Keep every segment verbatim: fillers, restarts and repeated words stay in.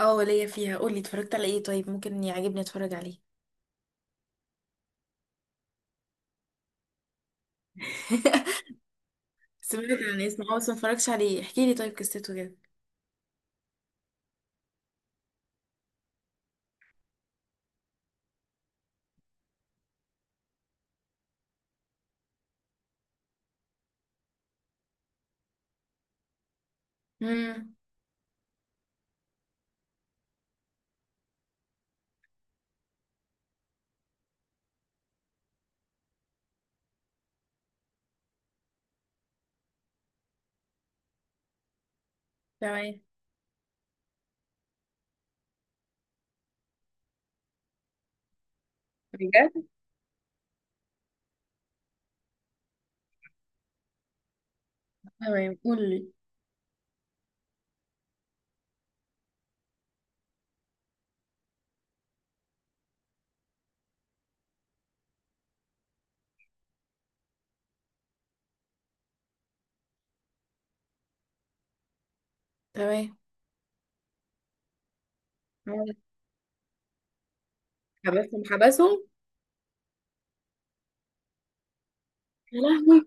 اه، ليا فيها. قولي اتفرجت على ايه؟ طيب ممكن يعجبني اتفرج عليه. سمعت عن اسمه، اه بس ما اتفرجتش عليه. احكي لي طيب قصته كده. امم. تمام. بجد. تمام، قولي. تمام. مالك؟ حبسهم، حبسهم. يا لهوي.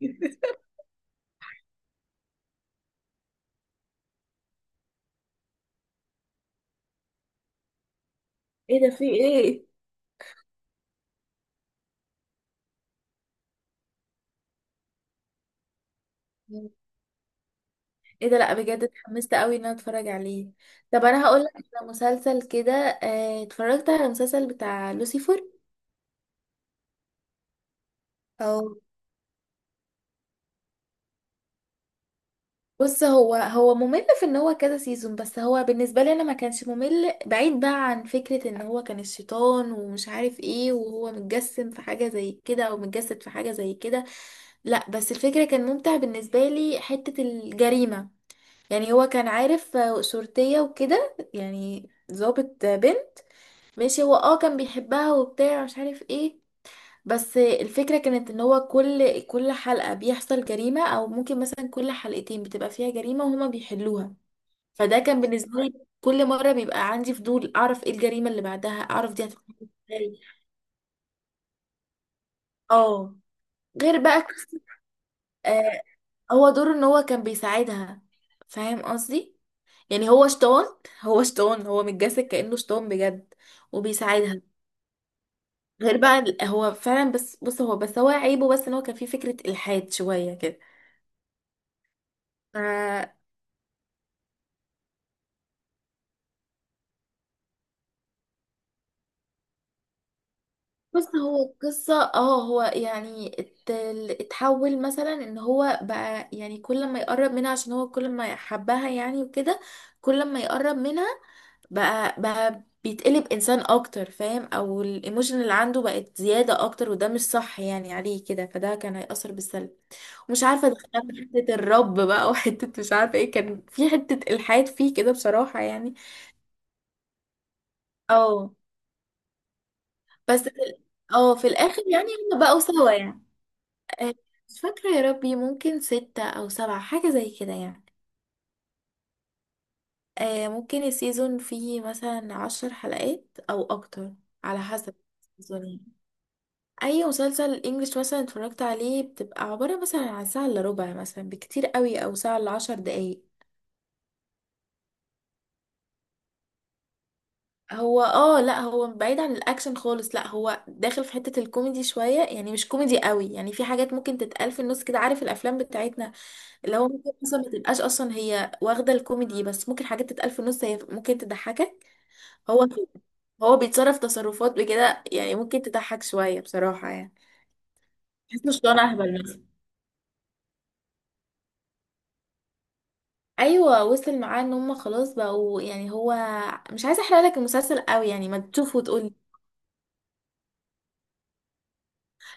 ايه ده، في ايه؟ ايه ده؟ لا بجد اتحمست قوي ان انا اتفرج عليه. طب انا هقول لك على مسلسل كده، آه، اتفرجت على مسلسل بتاع لوسيفر. او، بص، هو هو ممل في ان هو كذا سيزون، بس هو بالنسبه لي انا ما كانش ممل. بعيد بقى عن فكره ان هو كان الشيطان ومش عارف ايه، وهو متجسم في حاجه زي كده او متجسد في حاجه زي كده. لا بس الفكره كان ممتع بالنسبه لي حته الجريمه. يعني هو كان عارف آه، شرطيه وكده، يعني ضابط آه، بنت. ماشي، هو اه كان بيحبها وبتاع مش عارف ايه. بس الفكرة كانت ان هو كل كل حلقة بيحصل جريمة، او ممكن مثلا كل حلقتين بتبقى فيها جريمة وهما بيحلوها. فده كان بالنسبة لي كل مرة بيبقى عندي فضول أعرف ايه الجريمة اللي بعدها، أعرف دي هتكون ازاي. اه. غير بقى قصة- آه، هو دوره ان هو كان بيساعدها. فاهم قصدي؟ يعني هو شطان. هو شطان، هو متجسد كأنه شطان بجد وبيساعدها. غير بقى ال- هو فعلا. بس بص هو بس هو عيبه بس ان هو كان فيه فكرة إلحاد شوية كده. بص، هو القصة، اه هو يعني ات- اتحول مثلا ان هو بقى يعني كل ما يقرب منها عشان هو كل ما يحبها، يعني وكده. كل ما يقرب منها بقى بقى بيتقلب انسان اكتر، فاهم؟ او الايموشن اللي عنده بقت زيادة اكتر، وده مش صح يعني عليه كده، فده كان هيأثر بالسلب. مش عارفة، دخلنا في حتة الرب بقى وحتة مش عارفة ايه. كان في حتة الحاد فيه كده، بصراحة يعني. اه. بس في ال- اه في الاخر يعني هم بقوا سوا يعني. آه، مش فاكرة يا ربي، ممكن ستة أو سبعة حاجة زي كده يعني. آه، ممكن السيزون فيه مثلا عشر حلقات أو أكتر. على حسب السيزون يعني. أي مسلسل إنجليش مثلا اتفرجت عليه بتبقى عبارة مثلا عن ساعة إلا ربع مثلا بكتير قوي، أو ساعة إلا عشر دقايق. هو اه لا، هو بعيد عن الاكشن خالص. لا، هو داخل في حتة الكوميدي شوية، يعني مش كوميدي قوي. يعني في حاجات ممكن تتقال في النص كده، عارف الافلام بتاعتنا اللي هو ممكن اصلا ما تبقاش اصلا هي واخدة الكوميدي، بس ممكن حاجات تتقال في النص هي ممكن تضحكك. هو كده. هو بيتصرف تصرفات بكده، يعني ممكن تضحك شوية بصراحة يعني. تحس مش طالع اهبل مثلا. ايوه، وصل معاه ان هم خلاص بقوا يعني. هو مش عايزه احرق لك المسلسل قوي، يعني ما تشوفه وتقول.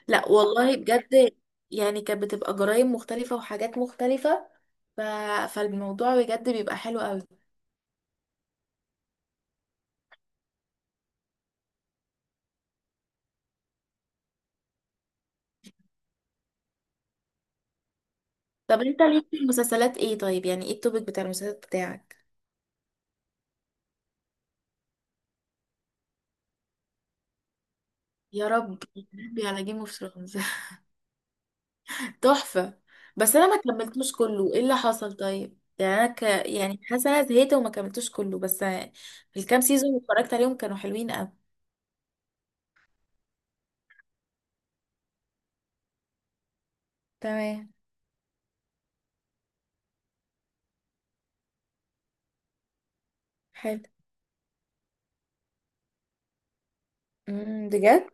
لا والله بجد. يعني كانت بتبقى جرايم مختلفة وحاجات مختلفة. ف... فالموضوع بجد بيبقى حلو قوي. طب انت ليك في المسلسلات ايه طيب؟ يعني ايه التوبيك بتاع المسلسلات بتاعك؟ يا رب، يا ربي، على جيم اوف ثرونز. تحفة. بس انا ما كملتوش كله، ايه اللي حصل طيب؟ يعني انا ك... يعني حاسه انا زهقت وما كملتوش كله بس. الكام سيزون اللي اتفرجت عليهم كانوا حلوين قوي. تمام. حلو. امم. بجد.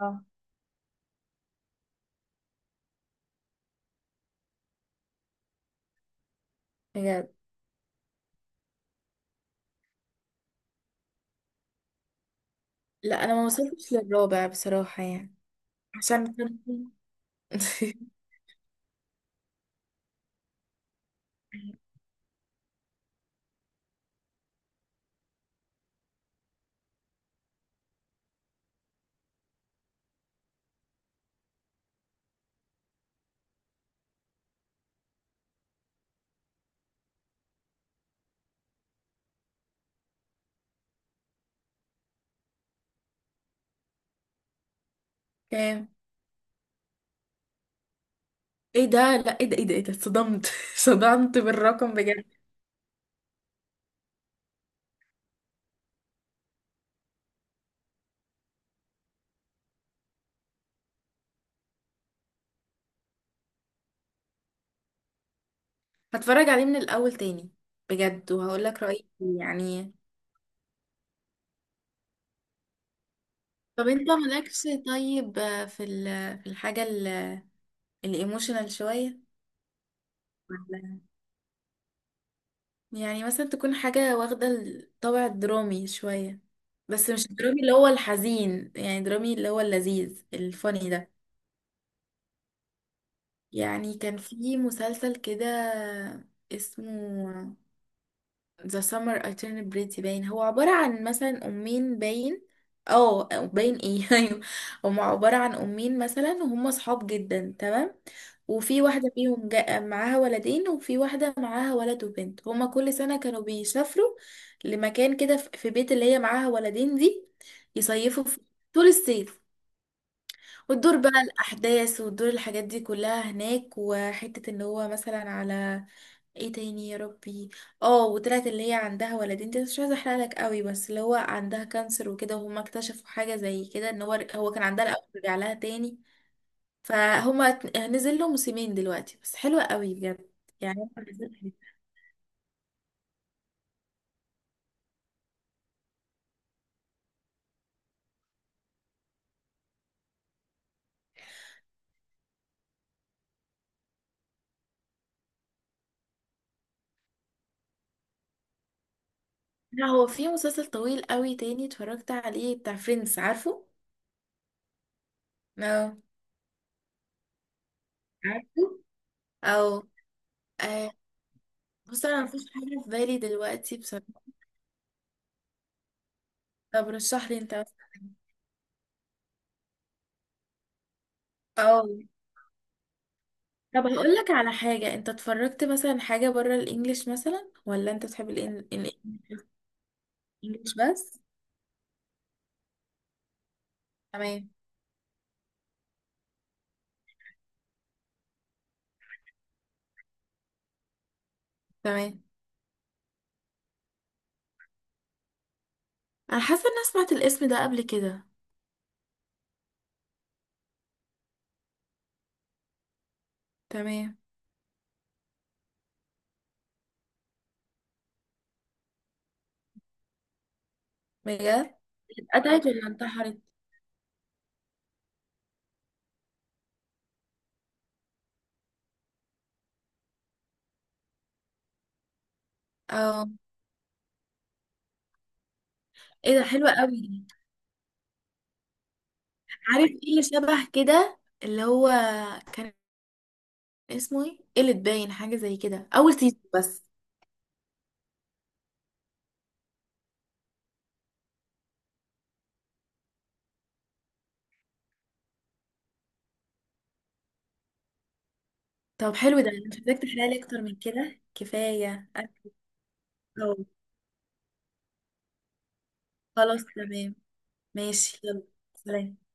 اه. بجد. لا، انا ما وصلتش للرابع بصراحة يعني. عشان كان. كام؟ ايه ده؟ لا ايه ده، ايه ده، ايه ده؟ اتصدمت. صدمت بالرقم بجد. هتفرج عليه من الاول تاني بجد، وهقول لك رأيي فيه يعني. طب انت مالكش طيب في ال- في الحاجة الايموشنال شوية؟ ولا يعني مثلا تكون حاجة واخدة الطابع الدرامي شوية، بس مش الدرامي اللي هو الحزين، يعني درامي اللي هو اللذيذ الفاني ده. يعني كان في مسلسل كده اسمه ذا سمر alternate بريتي باين، هو عبارة عن مثلا أمين باين. اه، أو باين ايه؟ ايوه. هما عبارة عن أمين مثلا، وهم صحاب جدا تمام. وفي واحدة فيهم جا- معاها ولدين، وفي واحدة معاها ولد وبنت. هما كل سنة كانوا بيسافروا لمكان كده، في في بيت اللي هي معاها ولدين دي، يصيفوا في طول الصيف. وتدور بقى الأحداث وتدور الحاجات دي كلها هناك، وحتة ان هو مثلا على ايه تاني يا ربي. اه، وطلعت اللي هي عندها ولدين دي، مش عايزة احرقلك قوي، بس اللي هو عندها كانسر وكده، وهما اكتشفوا حاجة زي كده ان هو هو كان عندها الأول رجع لها تاني. فهما ت- نزل له موسمين دلوقتي بس، حلوة قوي بجد. يعني هما نزل حلو. لا، هو في مسلسل طويل قوي تاني اتفرجت عليه بتاع فريندز، عارفه؟ اه، عارفه؟ او. آه، بص انا مفيش حاجه في بالي دلوقتي. طب رشح لي انت مثلا. اه. طب هقول لك على حاجة، انت اتفرجت مثلا حاجة بره الانجليش مثلا، ولا انت بتحب الإن- الانجليش بس؟ تمام. تمام. انا حاسة ان انا سمعت الاسم ده قبل كده. تمام. بجد. اتقطعت ولا انتحرت؟ اه. ايه ده، حلوة قوي دي. عارف ايه اللي شبه كده اللي هو كان اسمه ايه؟ قلت باين، حاجة زي كده، اول سيزون بس. طب حلو، ده مش محتاج تحلالي اكتر من كده، كفاية أنا- اه، خلاص تمام. ماشي، يلا. سلام.